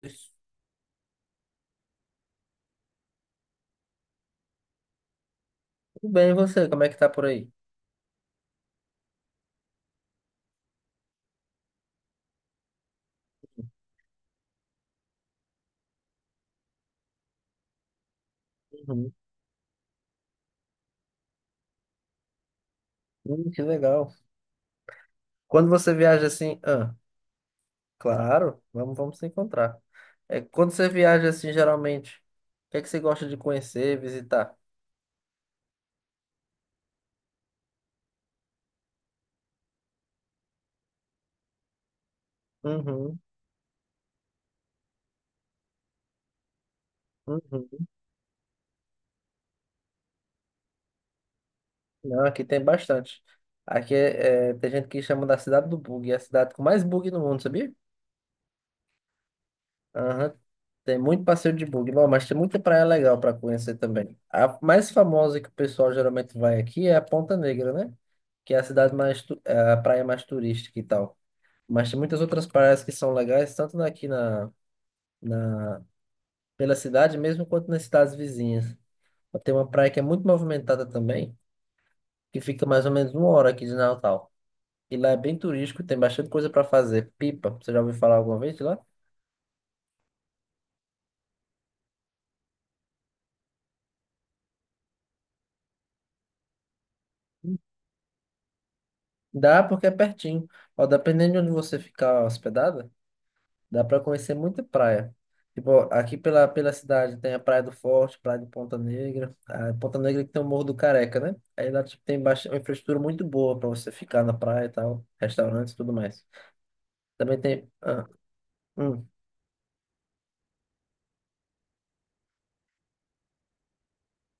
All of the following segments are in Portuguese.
Tudo bem, e você? Como é que tá por aí? Uhum. Que legal. Quando você viaja assim, ah, claro, vamos se encontrar. É, quando você viaja assim, geralmente, o que é que você gosta de conhecer, visitar? Uhum, uhum. Não, aqui tem bastante. Aqui é, tem gente que chama da cidade do bug, é a cidade com mais bug no mundo, sabia? Aham. Tem muito passeio de bug, bom, mas tem muita praia legal para conhecer também. A mais famosa que o pessoal geralmente vai aqui é a Ponta Negra, né? Que é a cidade mais, é a praia mais turística e tal. Mas tem muitas outras praias que são legais, tanto aqui na pela cidade mesmo, quanto nas cidades vizinhas. Tem uma praia que é muito movimentada também, que fica mais ou menos uma hora aqui de Natal. E lá é bem turístico, tem bastante coisa para fazer. Pipa, você já ouviu falar alguma vez de lá? Dá porque é pertinho. Ó, dependendo de onde você ficar hospedada, dá para conhecer muita praia. Tipo, aqui pela cidade tem a Praia do Forte, Praia de Ponta Negra. A Ponta Negra que tem o Morro do Careca, né? Aí lá tipo, tem baixa, uma infraestrutura muito boa para você ficar na praia e tal, restaurantes e tudo mais. Também tem. Ah. Hum.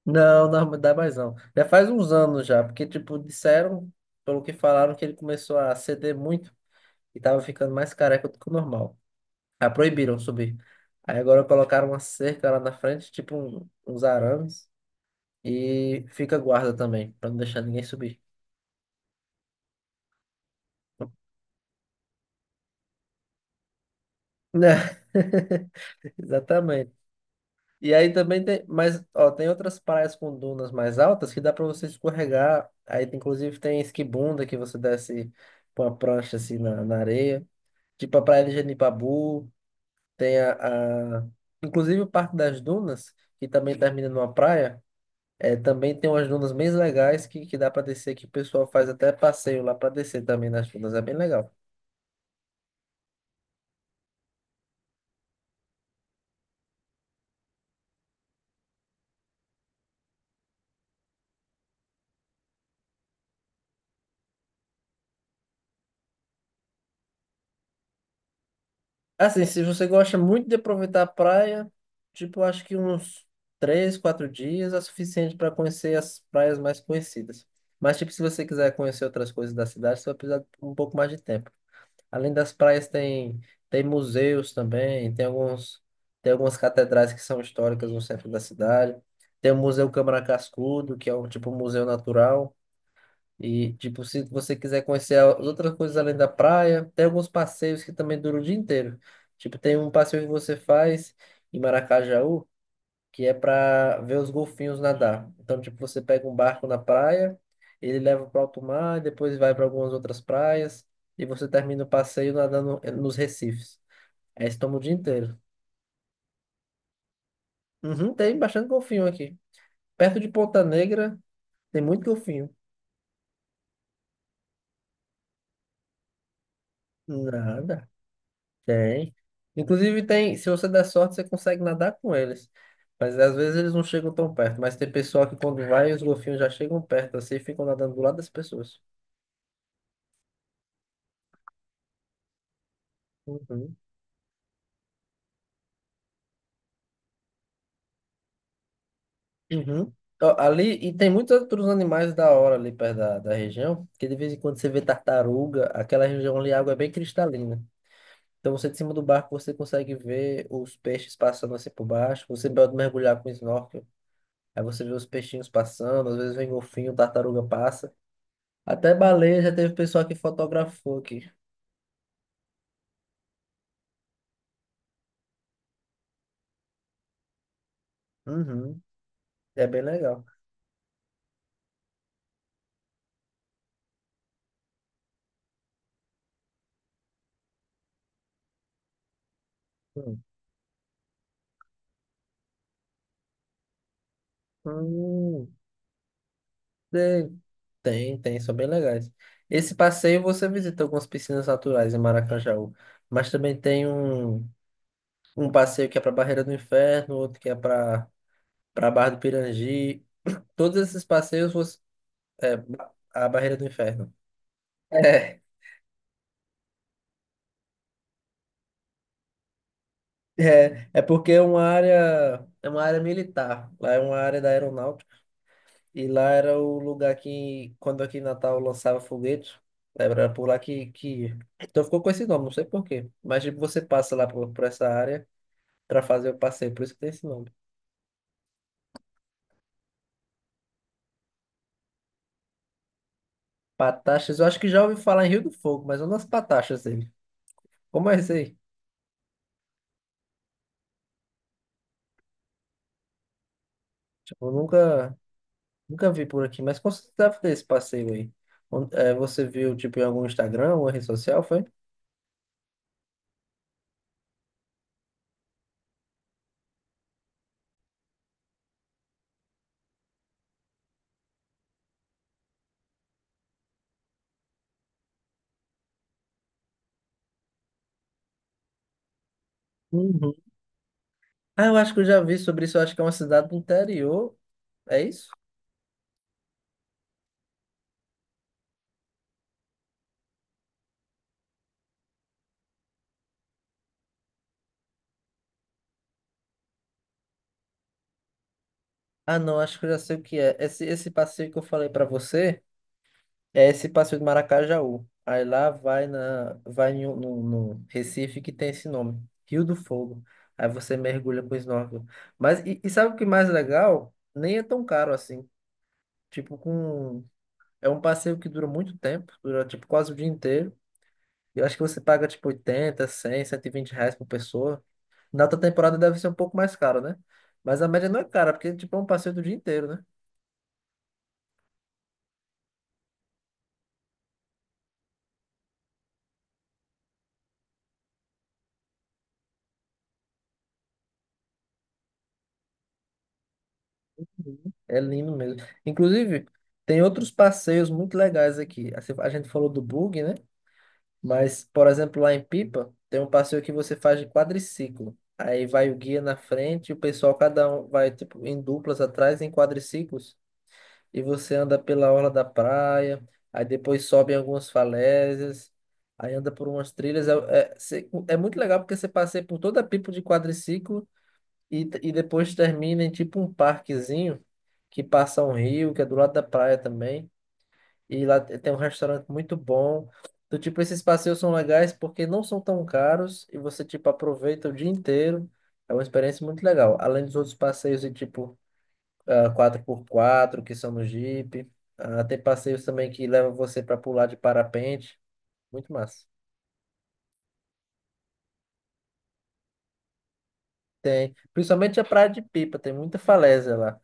Não, não dá mais não. Já faz uns anos já, porque tipo, disseram, pelo que falaram, que ele começou a ceder muito e tava ficando mais careca do que o normal. Ah, proibiram subir. Aí agora colocaram uma cerca lá na frente, tipo uns arames, e fica guarda também, pra não deixar ninguém subir. Né? Exatamente. E aí também tem, mas ó, tem outras praias com dunas mais altas que dá pra você escorregar. Aí inclusive tem esquibunda que você desce com a prancha assim na areia. Tipo a Praia de Genipabu, tem a, a- inclusive o Parque das Dunas, que também termina numa praia. É, também tem umas dunas bem legais que dá para descer, que o pessoal faz até passeio lá para descer também nas dunas, é bem legal. Assim, se você gosta muito de aproveitar a praia, tipo, eu acho que uns 3, 4 dias é suficiente para conhecer as praias mais conhecidas. Mas, tipo, se você quiser conhecer outras coisas da cidade, você vai precisar de um pouco mais de tempo. Além das praias, tem, tem museus também, tem alguns, tem algumas catedrais que são históricas no centro da cidade. Tem o Museu Câmara Cascudo, que é um tipo um museu natural. E, tipo, se você quiser conhecer outras coisas além da praia, tem alguns passeios que também duram o dia inteiro. Tipo, tem um passeio que você faz em Maracajaú, que é para ver os golfinhos nadar. Então, tipo, você pega um barco na praia, ele leva para alto mar, depois vai para algumas outras praias, e você termina o passeio nadando nos recifes. Aí você toma o dia inteiro. Uhum, tem bastante golfinho aqui. Perto de Ponta Negra, tem muito golfinho. Nada. Tem. Inclusive tem, se você der sorte, você consegue nadar com eles. Mas às vezes eles não chegam tão perto. Mas tem pessoal que quando vai, os golfinhos já chegam perto assim e ficam nadando do lado das pessoas. Uhum. Uhum. Ó, ali, e tem muitos outros animais da hora ali perto da região, que de vez em quando você vê tartaruga. Aquela região ali a água é bem cristalina. Então você de cima do barco você consegue ver os peixes passando assim por baixo, você pode mergulhar com snorkel, aí você vê os peixinhos passando, às vezes vem golfinho, tartaruga passa. Até baleia já teve pessoal que fotografou aqui. Uhum. É bem legal. Hum. Hum. Tem, tem, são bem legais. Esse passeio você visita algumas piscinas naturais em Maracajaú, mas também tem um passeio que é para Barreira do Inferno, outro que é para Barra do Pirangi. Todos esses passeios você, é a Barreira do Inferno. É, é porque é uma área militar. Lá é uma área da aeronáutica. E lá era o lugar que, quando aqui em Natal lançava foguetes, era por lá que ia. Então ficou com esse nome, não sei por quê. Mas tipo, você passa lá por essa área para fazer o passeio, por isso que tem esse nome. Pataxas, eu acho que já ouvi falar em Rio do Fogo, mas não nas Pataxas dele. Como é isso aí? Tipo, eu nunca vi por aqui, mas quando você deve ter esse passeio aí? Você viu, tipo, em algum Instagram ou rede social, foi? Uhum. Ah, eu acho que eu já vi sobre isso. Eu acho que é uma cidade do interior. É isso? Ah, não, acho que eu já sei o que é. Esse passeio que eu falei pra você. É esse passeio de Maracajaú. Aí lá vai no Recife que tem esse nome, Rio do Fogo. Aí você mergulha com snorkel. Mas e sabe o que é mais legal? Nem é tão caro assim. Tipo, com é um passeio que dura muito tempo, dura tipo quase o dia inteiro. Eu acho que você paga tipo 80, 100, 120 reais por pessoa. Na outra temporada deve ser um pouco mais caro, né? Mas a média não é cara, porque tipo é um passeio do dia inteiro, né? É lindo mesmo. Inclusive, tem outros passeios muito legais aqui. Assim, a gente falou do bug, né? Mas, por exemplo, lá em Pipa, tem um passeio que você faz de quadriciclo. Aí vai o guia na frente, e o pessoal, cada um vai tipo, em duplas atrás, em quadriciclos, e você anda pela orla da praia, aí depois sobe em algumas falésias, aí anda por umas trilhas. É muito legal porque você passeia por toda a Pipa de quadriciclo e depois termina em tipo um parquezinho que passa um rio, que é do lado da praia também. E lá tem um restaurante muito bom. Do tipo, esses passeios são legais porque não são tão caros e você, tipo, aproveita o dia inteiro. É uma experiência muito legal. Além dos outros passeios de tipo 4x4, que são no Jeep. Ah, tem passeios também que levam você para pular de parapente. Muito massa. Tem. Principalmente a Praia de Pipa, tem muita falésia lá.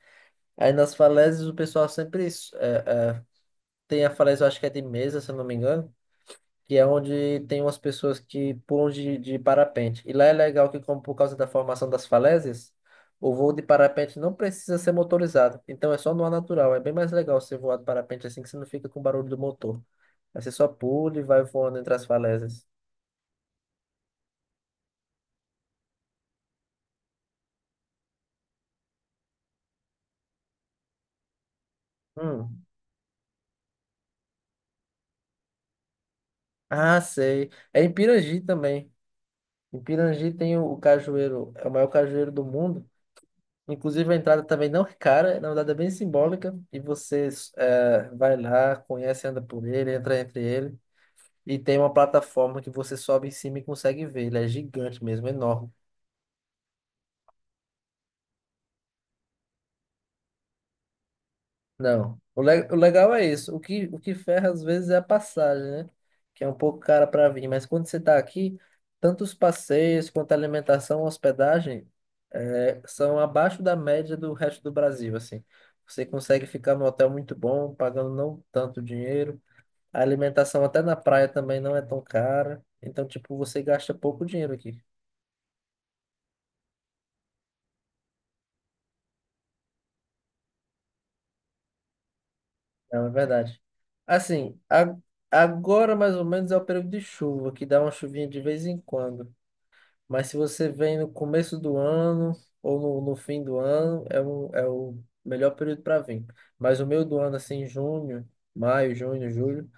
Aí nas falésias o pessoal sempre tem a falésia, eu acho que é de mesa, se eu não me engano. Que é onde tem umas pessoas que pulam de parapente. E lá é legal que, como por causa da formação das falésias, o voo de parapente não precisa ser motorizado. Então é só no ar natural. É bem mais legal você voar de parapente assim que você não fica com o barulho do motor. Aí você só pula e vai voando entre as falésias. Hum. Ah, sei. É em Pirangi também. Em Pirangi tem o cajueiro, é o maior cajueiro do mundo. Inclusive a entrada também não é cara, na verdade é bem simbólica. E você vai lá, conhece, anda por ele, entra entre ele. E tem uma plataforma que você sobe em cima e consegue ver. Ele é gigante mesmo, enorme. Não. O legal é isso. O que ferra às vezes é a passagem, né? Que é um pouco cara para vir. Mas quando você está aqui, tanto os passeios quanto a alimentação, hospedagem, são abaixo da média do resto do Brasil, assim. Você consegue ficar num hotel muito bom, pagando não tanto dinheiro. A alimentação até na praia também não é tão cara. Então, tipo, você gasta pouco dinheiro aqui. Não, é verdade. Assim, agora mais ou menos é o período de chuva, que dá uma chuvinha de vez em quando. Mas se você vem no começo do ano ou no fim do ano, é o melhor período para vir. Mas o meio do ano, assim, junho, maio, junho, julho,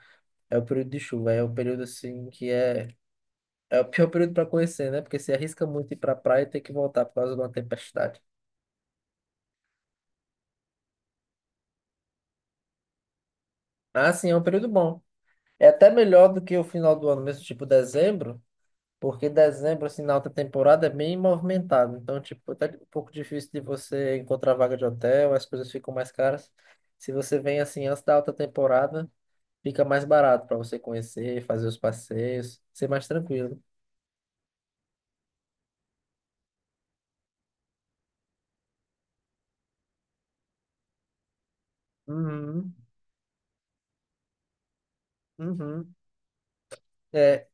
é o período de chuva. É o período, assim, que é o pior período para conhecer, né? Porque você arrisca muito ir para praia e ter que voltar por causa de uma tempestade. Ah, sim, é um período bom. É até melhor do que o final do ano mesmo, tipo dezembro. Porque dezembro, assim, na alta temporada é bem movimentado. Então, tipo, até um pouco difícil de você encontrar vaga de hotel, as coisas ficam mais caras. Se você vem, assim, antes da alta temporada, fica mais barato para você conhecer, fazer os passeios, ser mais tranquilo. Uhum, uhum. É,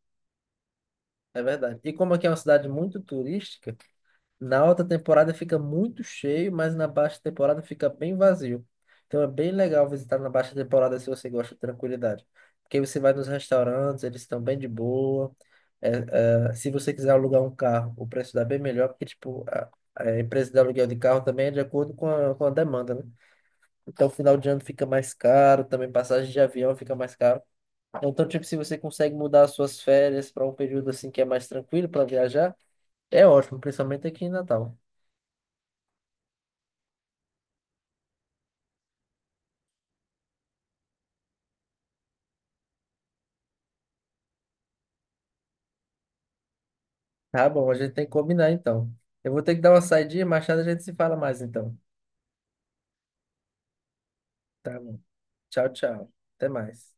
é verdade. E como aqui é uma cidade muito turística, na alta temporada fica muito cheio, mas na baixa temporada fica bem vazio. Então é bem legal visitar na baixa temporada se você gosta de tranquilidade. Porque você vai nos restaurantes, eles estão bem de boa. É, se você quiser alugar um carro, o preço dá bem melhor, porque tipo, a empresa de aluguel de carro também é de acordo com a demanda, né? Então final de ano fica mais caro, também passagem de avião fica mais caro. Então, tipo, se você consegue mudar as suas férias para um período assim que é mais tranquilo para viajar, é ótimo, principalmente aqui em Natal. Tá bom, a gente tem que combinar então. Eu vou ter que dar uma saidinha, mais tarde a gente se fala mais então. Tá bom. Tchau, tchau. Até mais.